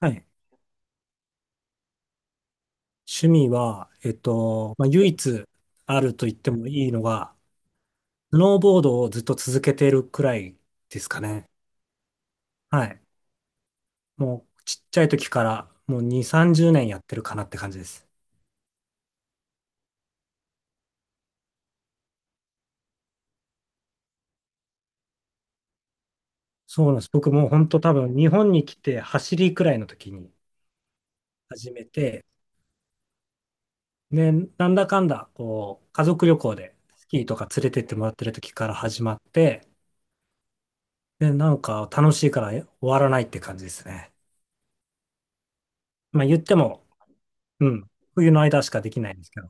はい。趣味は、まあ、唯一あると言ってもいいのが、スノーボードをずっと続けてるくらいですかね。はい。もうちっちゃい時からもう2、30年やってるかなって感じです。そうなんです。僕もう本当多分日本に来て走りくらいの時に始めて、で、なんだかんだ、こう、家族旅行でスキーとか連れてってもらってる時から始まって、で、なんか楽しいから終わらないって感じですね。まあ言っても、うん。冬の間しかできないんですけど。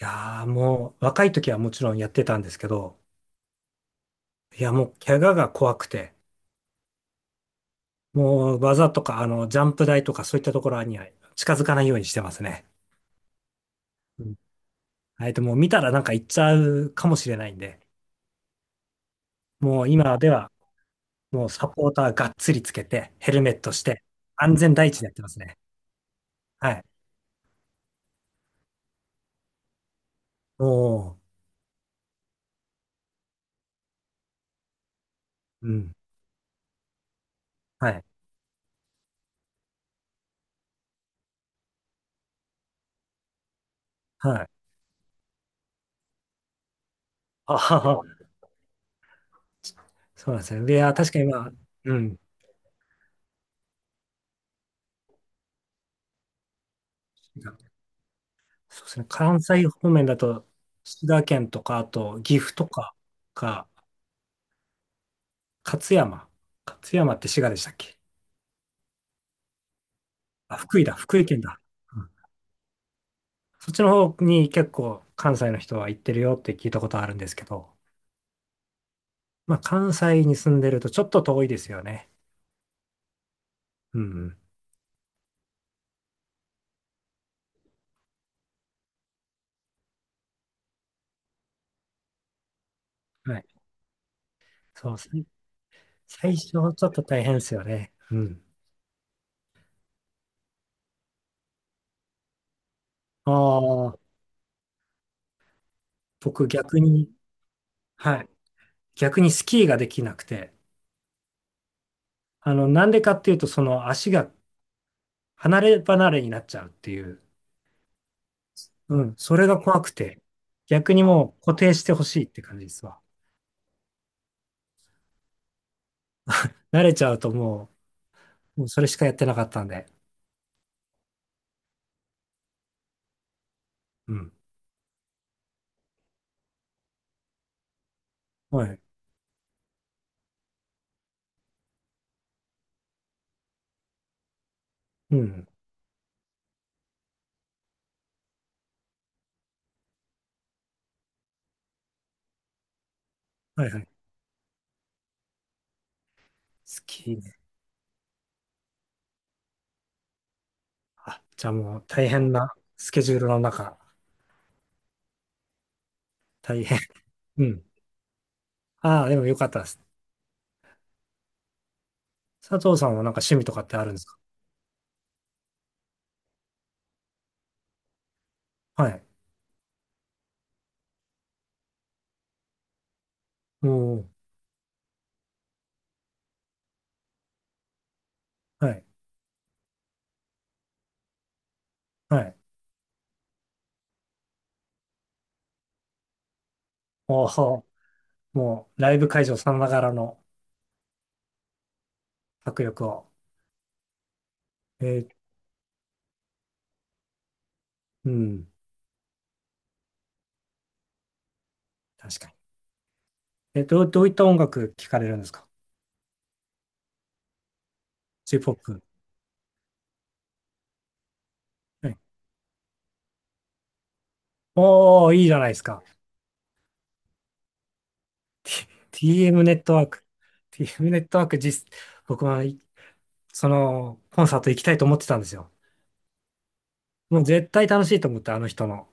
いやーもう、若い時はもちろんやってたんですけど、いやもう、怪我が怖くて、もう、技とか、ジャンプ台とかそういったところには近づかないようにしてますね。うん。もう見たらなんか行っちゃうかもしれないんで、もう今では、もうサポーターがっつりつけて、ヘルメットして、安全第一でやってますね。はい。おー、うん。はい。はい。あはは。そうなんですね。いやー、確かにまあ、うん。そうですね。関西方面だと、滋賀県とか、あと岐阜とか、勝山。勝山って滋賀でしたっけ？あ、福井だ、福井県だ。うん。そっちの方に結構関西の人は行ってるよって聞いたことあるんですけど、まあ関西に住んでるとちょっと遠いですよね。うん、うん。はい。そうですね。最初ちょっと大変ですよね。うん。ああ、僕逆に、はい。逆にスキーができなくて、なんでかっていうと、その足が離れ離れになっちゃうっていう。うん。それが怖くて。逆にもう固定してほしいって感じですわ。慣れちゃうともうそれしかやってなかったんで。うん。はい。うん。はいはい。好きね。あ、じゃあもう大変なスケジュールの中。大変。うん。ああ、でもよかったです。佐藤さんはなんか趣味とかってあるんですか？はい。もう、はい。はい。おお、もうライブ会場さながらの迫力を。えーうん。確かに。どういった音楽聴かれるんですか？ J-POP、はい。おー、いいじゃないですか。TM ネットワーク。TM ネットワーク、僕はコンサート行きたいと思ってたんですよ。もう絶対楽しいと思って、あの人の。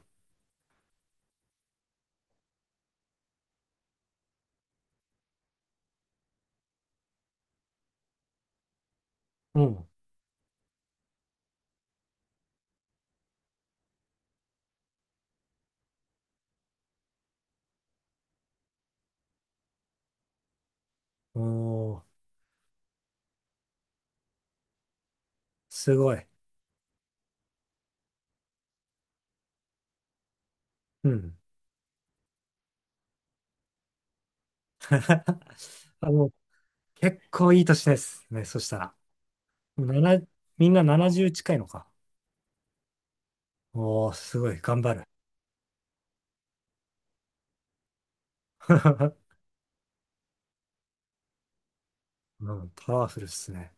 うん。おー、すごい。うん。あの、結構いい年ですね、そしたら。もうみんな70近いのか。おー、すごい、頑張る。うん、パワフルっすね。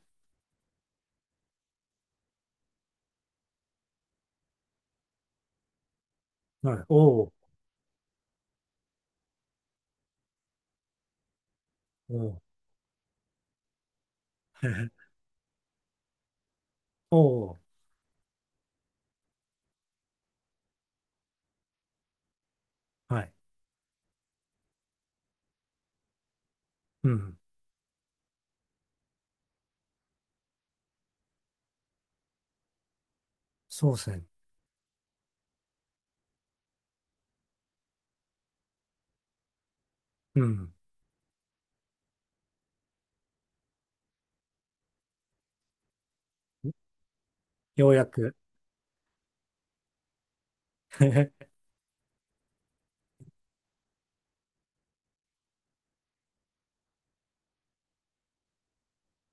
はい。おー、おー、おー、はい。うん。そうですね。うん。ようやく。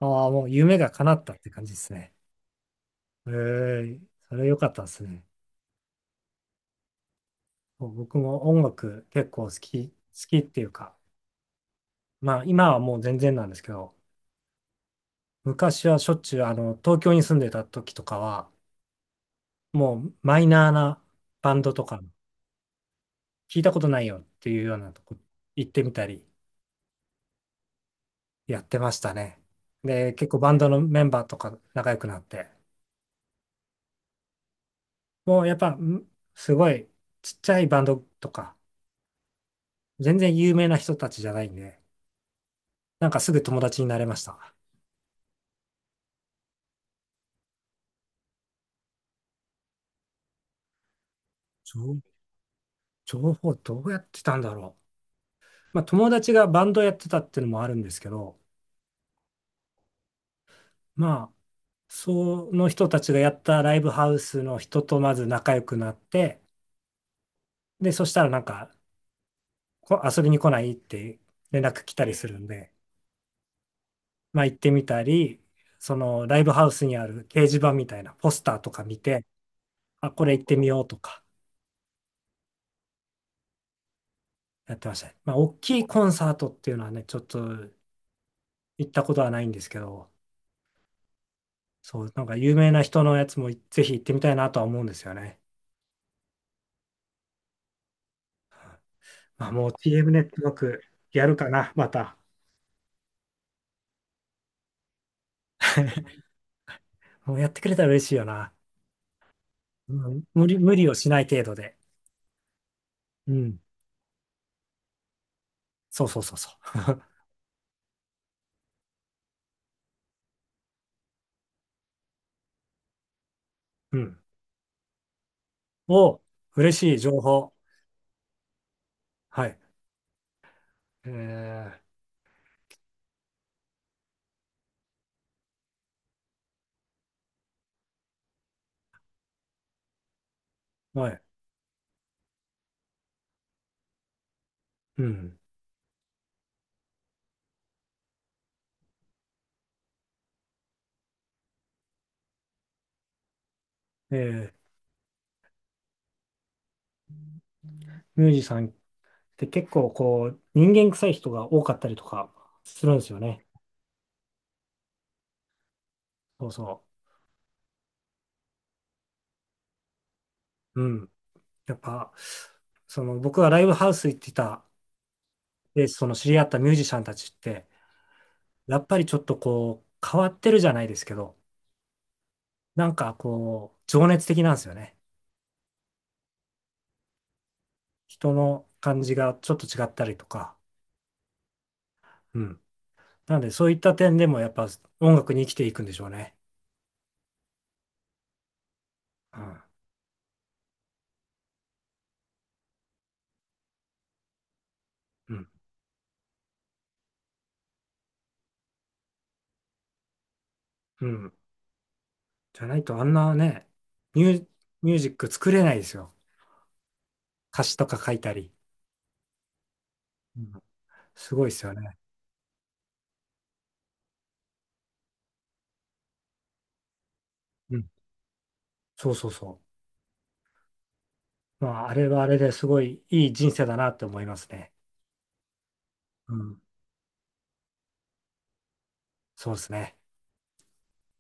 ああ、もう夢が叶ったって感じですね。ええ、それ良かったですね。僕も音楽結構好きっていうか、まあ今はもう全然なんですけど、昔はしょっちゅう東京に住んでた時とかは、もうマイナーなバンドとか、聞いたことないよっていうようなとこ行ってみたりやってましたね。で、結構バンドのメンバーとか仲良くなって、もうやっぱんすごいちっちゃいバンドとか、全然有名な人たちじゃないんで、なんかすぐ友達になれました。情、情報どうやってたんだろう。まあ友達がバンドやってたっていうのもあるんですけど、まあ、その人たちがやったライブハウスの人とまず仲良くなって、で、そしたらなんか、遊びに来ないって連絡来たりするんで、まあ行ってみたり、そのライブハウスにある掲示板みたいなポスターとか見て、あ、これ行ってみようとかやってましたね。まあ大きいコンサートっていうのはね、ちょっと行ったことはないんですけど、そう、なんか有名な人のやつもぜひ行ってみたいなとは思うんですよね。まあもう TM ネットワークやるかな、また。もうやってくれたら嬉しいよな。うん、無理をしない程度で。うん。そうそうそうそう。うん。お、嬉しい情報。はい。えはい。うん。えー、ミュージさんって結構こう、人間臭い人が多かったりとかするんですよね。そうそう。うん。なんか、僕はライブハウス行ってた、で、その知り合ったミュージシャンたちって、やっぱりちょっとこう、変わってるじゃないですけど、なんかこう、情熱的なんですよね。人の感じがちょっと違ったりとか。うん。なので、そういった点でもやっぱ音楽に生きていくんでしょうね。うん。うん。うん。じゃないとあんなね、ミュー、ミュージック作れないですよ。歌詞とか書いたり。うん。すごいですよね。うん。そうそうそう。まあ、あれはあれですごいいい人生だなって思いますね。うん。そうですね。